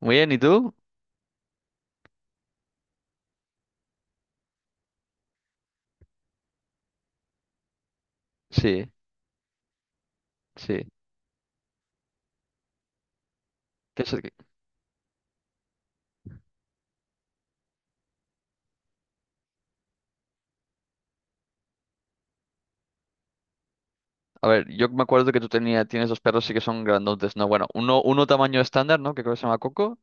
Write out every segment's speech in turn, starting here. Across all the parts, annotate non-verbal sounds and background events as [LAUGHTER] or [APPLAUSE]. Muy bien, ¿y tú? Sí, sí. ¿Qué es el que- A ver, yo me acuerdo que tú tienes dos perros sí que son grandotes, ¿no? Bueno, uno tamaño estándar, ¿no? Que creo que se llama Coco.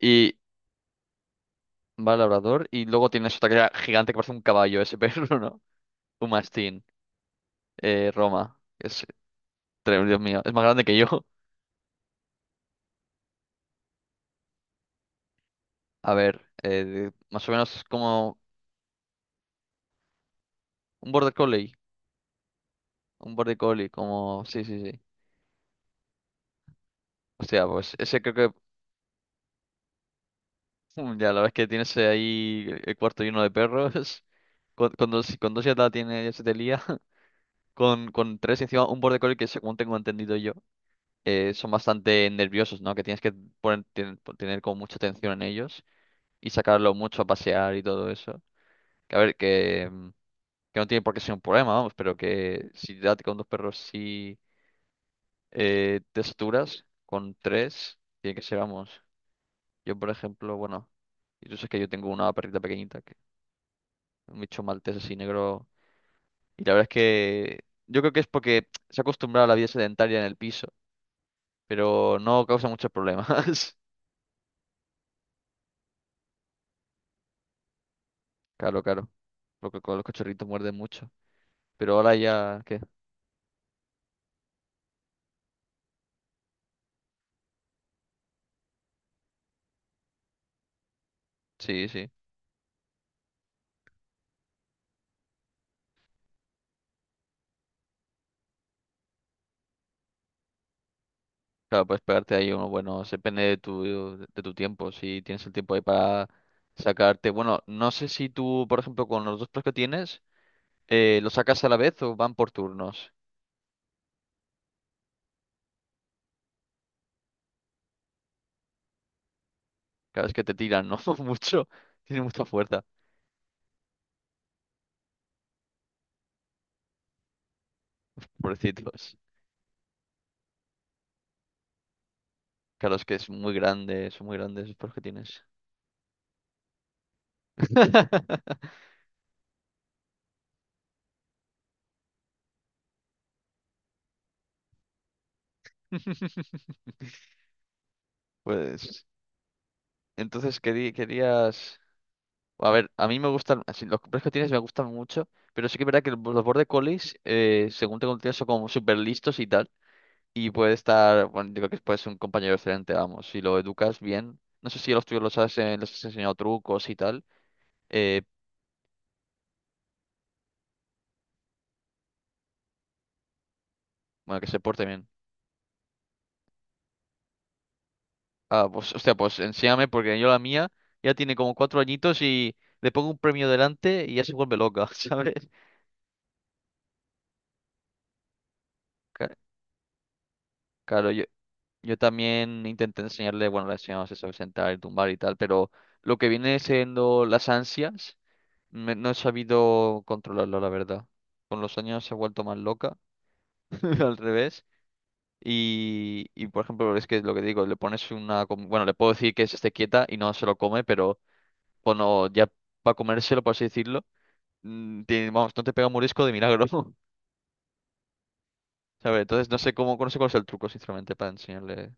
Y va el labrador. Y luego tienes otra que era gigante que parece un caballo, ese [LAUGHS] perro, ¿no? Un mastín. Roma. Es tremendo, Dios mío. Es más grande que yo. A ver, más o menos es como un border collie. Un border collie, como... Sí, sí, sí. Hostia, pues ese creo que... Mm, ya, la verdad es que tienes ahí el cuarto lleno de perros. Con dos, si con dos ya la tiene, ya se te lía. [LAUGHS] Con tres, encima un border collie que, según tengo entendido yo, son bastante nerviosos, ¿no? Que tienes que tener como mucha atención en ellos y sacarlo mucho a pasear y todo eso. Que a ver, que no tiene por qué ser un problema, vamos, pero que si date con dos perros sí te saturas, con tres tiene que ser, vamos. Yo, por ejemplo, bueno, y tú sabes que yo tengo una perrita pequeñita, que, un bicho maltés así negro. Y la verdad es que yo creo que es porque se ha acostumbrado a la vida sedentaria en el piso, pero no causa muchos problemas. [LAUGHS] Claro, claro. Lo que con los cachorritos muerden mucho. Pero ahora ya, ¿qué? Sí, sí. Claro, puedes pegarte ahí uno bueno, depende de tu tiempo, si tienes el tiempo ahí para sacarte. Bueno, no sé si tú, por ejemplo, con los dos perros que tienes, ¿los sacas a la vez o van por turnos? Claro, es que te tiran, ¿no? [LAUGHS] Mucho. Tienen mucha fuerza, pobrecitos. Claro, es que es muy grande, son muy grandes los perros que tienes. [LAUGHS] Pues entonces querías... A ver, a mí me gustan, así, los colores que tienes me gustan mucho, pero sí que es verdad que los border collies, según tengo entendido, son como súper listos y tal, y puede estar, bueno, yo creo que puede ser un compañero excelente, vamos, si lo educas bien. No sé si a los tuyos los has, les has enseñado trucos y tal, eh, bueno, que se porte bien. Ah, pues, hostia, pues enséñame, porque yo la mía ya tiene como cuatro añitos y le pongo un premio delante y ya se vuelve loca, [LAUGHS] ¿sabes? Ca- Claro, yo también intenté enseñarle, bueno, le enseñamos eso, sentar y tumbar y tal, pero lo que viene siendo las ansias, no he sabido controlarlo, la verdad. Con los años se ha vuelto más loca, [LAUGHS] al revés. Y, por ejemplo, es que lo que digo, le pones una... Bueno, le puedo decir que se esté quieta y no se lo come, pero bueno, ya para comérselo, por así decirlo, vamos, no te pega un morisco de milagro, [LAUGHS] ¿sabes? Entonces no sé cómo, no sé cuál es el truco, sinceramente, para enseñarle.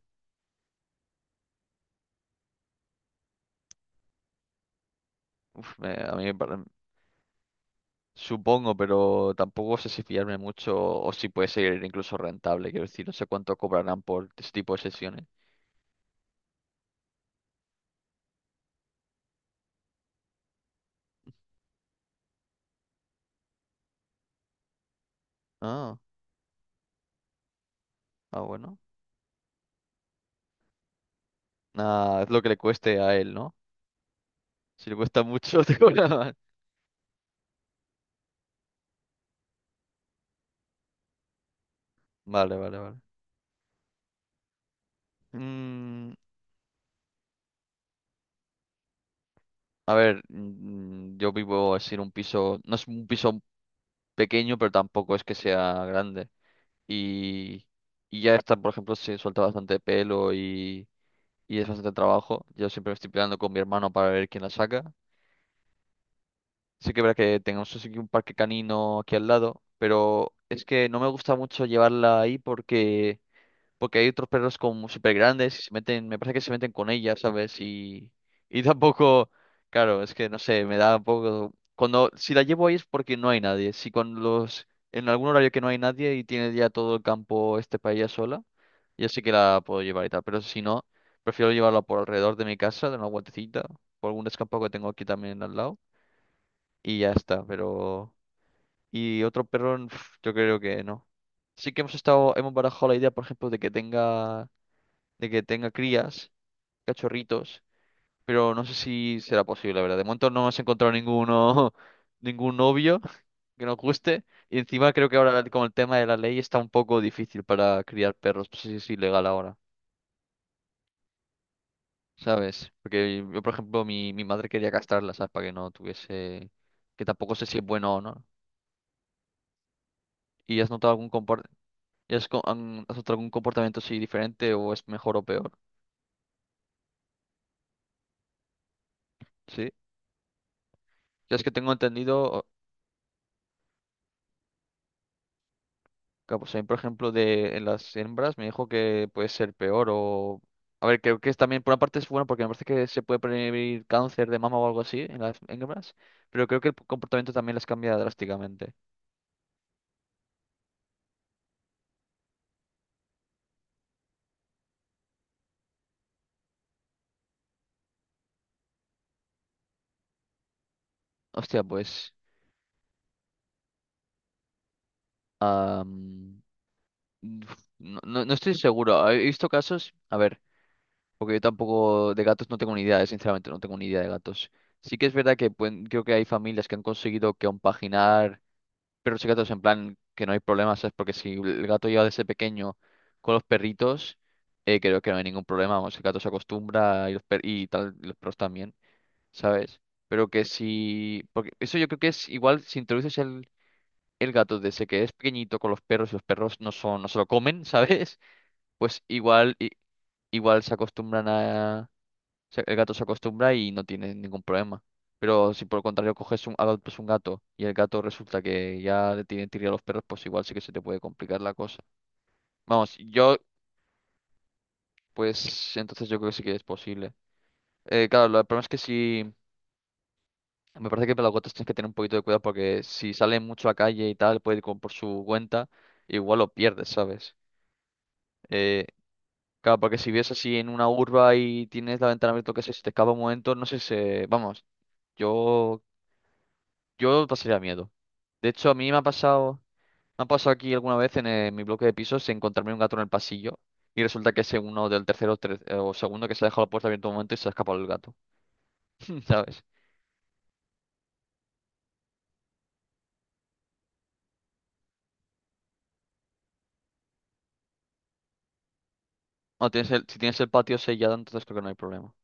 Uf, a mí. Supongo, pero tampoco sé si fiarme mucho o si puede ser incluso rentable. Quiero decir, no sé cuánto cobrarán por este tipo de sesiones. Ah, ah, bueno. Nada, es lo que le cueste a él, ¿no? Si le cuesta mucho, [LAUGHS] te cobra más. Vale, vale, vale. Mm, a ver, yo vivo así en un piso, no es un piso pequeño, pero tampoco es que sea grande. Y, y ya está, por ejemplo, se suelta bastante pelo y es bastante trabajo. Yo siempre me estoy peleando con mi hermano para ver quién la saca. Sí que es verdad que tenemos así que un parque canino aquí al lado, pero es que no me gusta mucho llevarla ahí porque hay otros perros como súper grandes y se meten, me parece que se meten con ella, ¿sabes? Y [LAUGHS] tampoco, claro, es que no sé, me da un poco... Cuando, si la llevo ahí es porque no hay nadie. Si con los, en algún horario que no hay nadie y tiene ya todo el campo este para ella sola, ya sí que la puedo llevar y tal, pero si no, prefiero llevarla por alrededor de mi casa, de una vueltecita, por algún descampado que tengo aquí también al lado y ya está, pero... Y otro perro, yo creo que no. Sí que hemos estado, hemos barajado la idea, por ejemplo, de que tenga crías, cachorritos, pero no sé si será posible, la verdad. De momento no hemos encontrado ninguno, [LAUGHS] ningún novio que nos guste, y encima creo que ahora con el tema de la ley está un poco difícil para criar perros, no sé si es ilegal ahora, ¿sabes? Porque yo, por ejemplo, mi madre quería castrarla, ¿sabes? Para que no tuviese, que tampoco sé si es bueno o no. ¿Y has notado algún comportamiento? ¿Han adoptado algún comportamiento así diferente o es mejor o peor? ¿Sí? Yo es que tengo entendido, Kaposain, por ejemplo, de en las hembras me dijo que puede ser peor o... A ver, creo que es también, por una parte es bueno porque me parece que se puede prevenir cáncer de mama o algo así en las hembras, pero creo que el comportamiento también las cambia drásticamente. Hostia, pues... am, uf, no, no estoy seguro. He visto casos, a ver. Porque yo tampoco de gatos no tengo ni idea, sinceramente, no tengo ni idea de gatos. Sí que es verdad que creo que hay familias que han conseguido compaginar perros y gatos en plan que no hay problemas, ¿sabes? Porque si el gato lleva desde pequeño con los perritos, creo que no hay ningún problema, vamos, el gato se acostumbra y y tal, y los perros también, ¿sabes? Pero que si... Porque eso yo creo que es igual si introduces el gato desde que es pequeñito con los perros y los perros no son, no se lo comen, [LAUGHS] ¿sabes? Pues igual, se acostumbran a el gato se acostumbra y no tiene ningún problema. Pero si por el contrario coges un, pues un gato y el gato resulta que ya le tiene tirria a los perros, pues igual sí que se te puede complicar la cosa. Vamos, yo, pues entonces yo creo que sí que es posible. Claro, el problema es que si... Me parece que para los gatos tienes que tener un poquito de cuidado porque si sale mucho a calle y tal, puede ir como por su cuenta, igual lo pierdes, ¿sabes? Eh, claro, porque si vives así en una urba y tienes la ventana abierta, o qué sé, si te escapa un momento, no sé si... Vamos, yo Yo pasaría miedo. De hecho, a mí me ha pasado aquí alguna vez en mi bloque de pisos encontrarme un gato en el pasillo y resulta que es uno del tercero o segundo que se ha dejado la puerta abierta un momento y se ha escapado el gato, [LAUGHS] ¿sabes? Si tienes el patio sellado, entonces creo que no hay problema.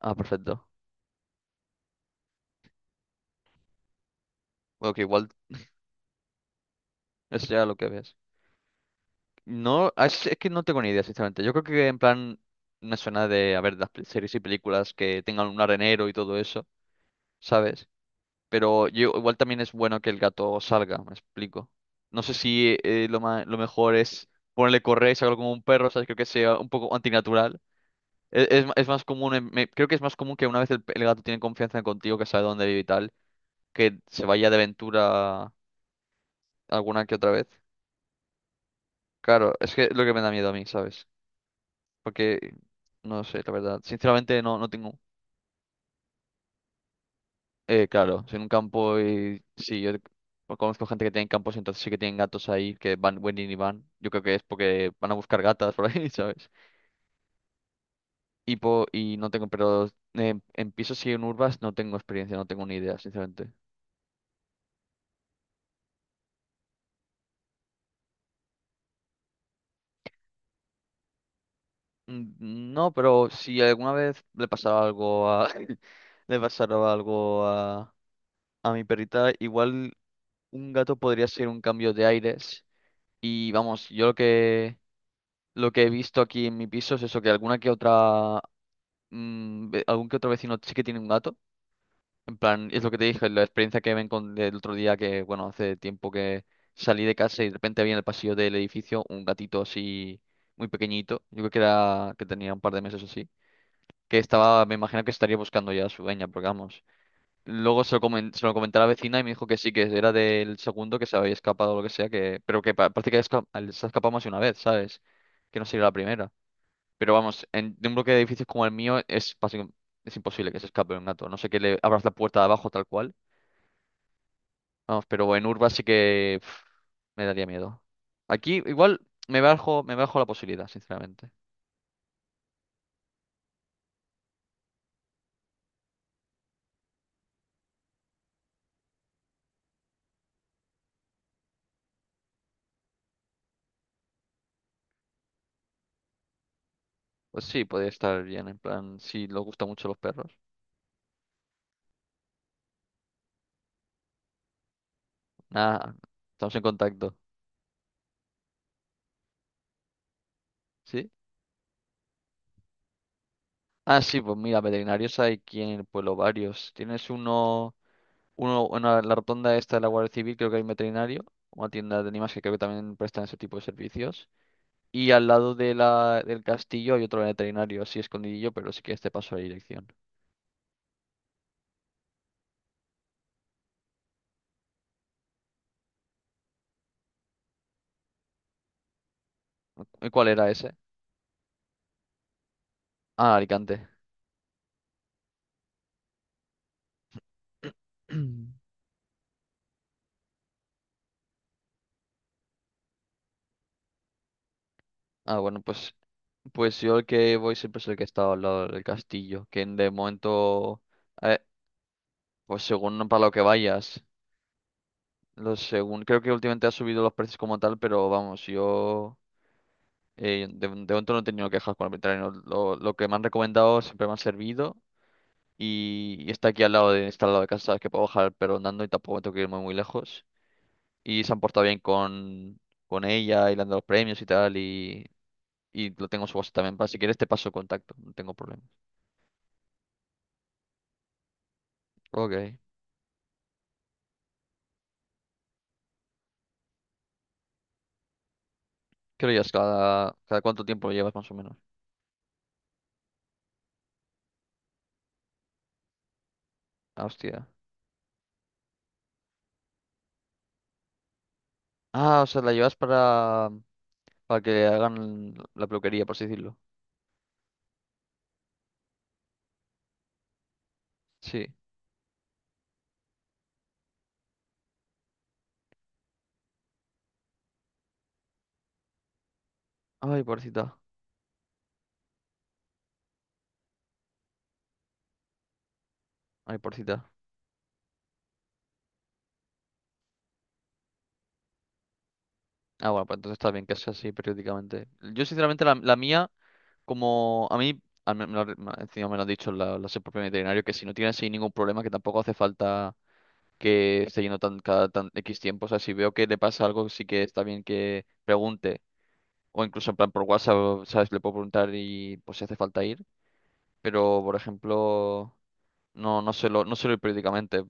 Ah, perfecto. Bueno, que igual es ya lo que ves. No, es que no tengo ni idea, sinceramente. Yo creo que en plan me suena de, a ver, las series y películas que tengan un arenero y todo eso, ¿sabes? Pero yo, igual también es bueno que el gato salga, me explico. No sé si lo mejor es ponerle correa y sacarlo como un perro, ¿sabes? Creo que sea un poco antinatural. Es, más común, creo que es más común que una vez el gato tiene confianza contigo, que sabe dónde vive y tal, que se vaya de aventura alguna que otra vez. Claro, es que es lo que me da miedo a mí, ¿sabes? Porque, no sé, la verdad. Sinceramente no, no tengo... Claro, si en un campo y sí, yo pues conozco gente que tiene campos, entonces sí que tienen gatos ahí que van, vienen y van. Yo creo que es porque van a buscar gatas por [LAUGHS] ahí, ¿sabes? Y no tengo, pero en pisos y en urbas no tengo experiencia, no tengo ni idea, sinceramente. Mm, no, pero si alguna vez le pasaba algo a [LAUGHS] le pasara algo a mi perrita, igual un gato podría ser un cambio de aires. Y vamos, yo lo que he visto aquí en mi piso es eso, que alguna que otra algún que otro vecino sí que tiene un gato. En plan, es lo que te dije, la experiencia que ven con el otro día que, bueno, hace tiempo que salí de casa y de repente había en el pasillo del edificio un gatito así muy pequeñito. Yo creo que era que tenía un par de meses o así. Que estaba, me imagino que estaría buscando ya a su dueña, porque vamos. Luego se lo, se lo comenté a la vecina y me dijo que sí, que era del segundo que se había escapado o lo que sea, que, pero que parece que se ha escapado más de una vez, ¿sabes? Que no sería la primera. Pero vamos, en, de un bloque de edificios como el mío es básicamente es imposible que se escape un gato. No sé, que le abras la puerta de abajo tal cual. Vamos, pero en urba sí que uf, me daría miedo. Aquí igual me bajo la posibilidad, sinceramente. Pues sí, podría estar bien, en plan, si les gustan mucho los perros. Nada, estamos en contacto. ¿Sí? Ah, sí, pues mira, veterinarios hay aquí en el pueblo varios. Uno en la rotonda esta de la Guardia Civil, creo que hay un veterinario, una tienda de animales que creo que también prestan ese tipo de servicios. Y al lado de la, del castillo hay otro veterinario, así escondidillo, pero sí que este pasó la dirección. ¿Y cuál era ese? Ah, Alicante. [CLEARS THROAT] Ah, bueno, pues, pues yo el que voy siempre es el que está al lado del castillo, que de momento, eh, pues según para lo que vayas, lo según, creo que últimamente ha subido los precios como tal, pero vamos, yo de momento no he tenido quejas con el veterinario. Lo que me han recomendado siempre me ha servido. Y está aquí al lado está al lado de casa, sabes que puedo bajar pero andando y tampoco tengo que ir muy, muy lejos. Y se han portado bien con ella y le han dado los premios y tal y lo tengo en su WhatsApp también. Para si quieres te paso el contacto, no tengo problema. Ok. ¿Qué lo llevas? Cada cuánto tiempo lo llevas más o menos? Ah, hostia. Ah, o sea, la llevas para que le hagan la peluquería, por así decirlo. Sí. Ay, pobrecita. Ay, pobrecita. Ah, bueno, pues entonces está bien que sea así periódicamente. Yo, sinceramente, la mía. Como a mí, me encima me lo ha dicho la su propio veterinario, que si no tiene así ningún problema, que tampoco hace falta que esté yendo tan, cada tan X tiempo. O sea, si veo que le pasa algo, sí que está bien que pregunte. O incluso en plan por WhatsApp, ¿sabes? Le puedo preguntar y pues si hace falta ir. Pero, por ejemplo, no suelo ir periódicamente.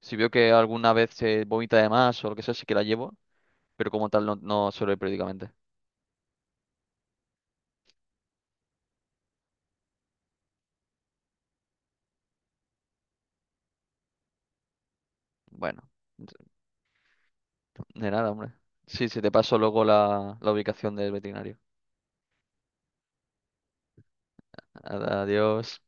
Si veo que alguna vez se vomita de más o lo que sea, sí que la llevo. Pero como tal, no suelo ir periódicamente. Bueno, de nada, hombre. Sí, sí, te paso luego la ubicación del veterinario. Adiós.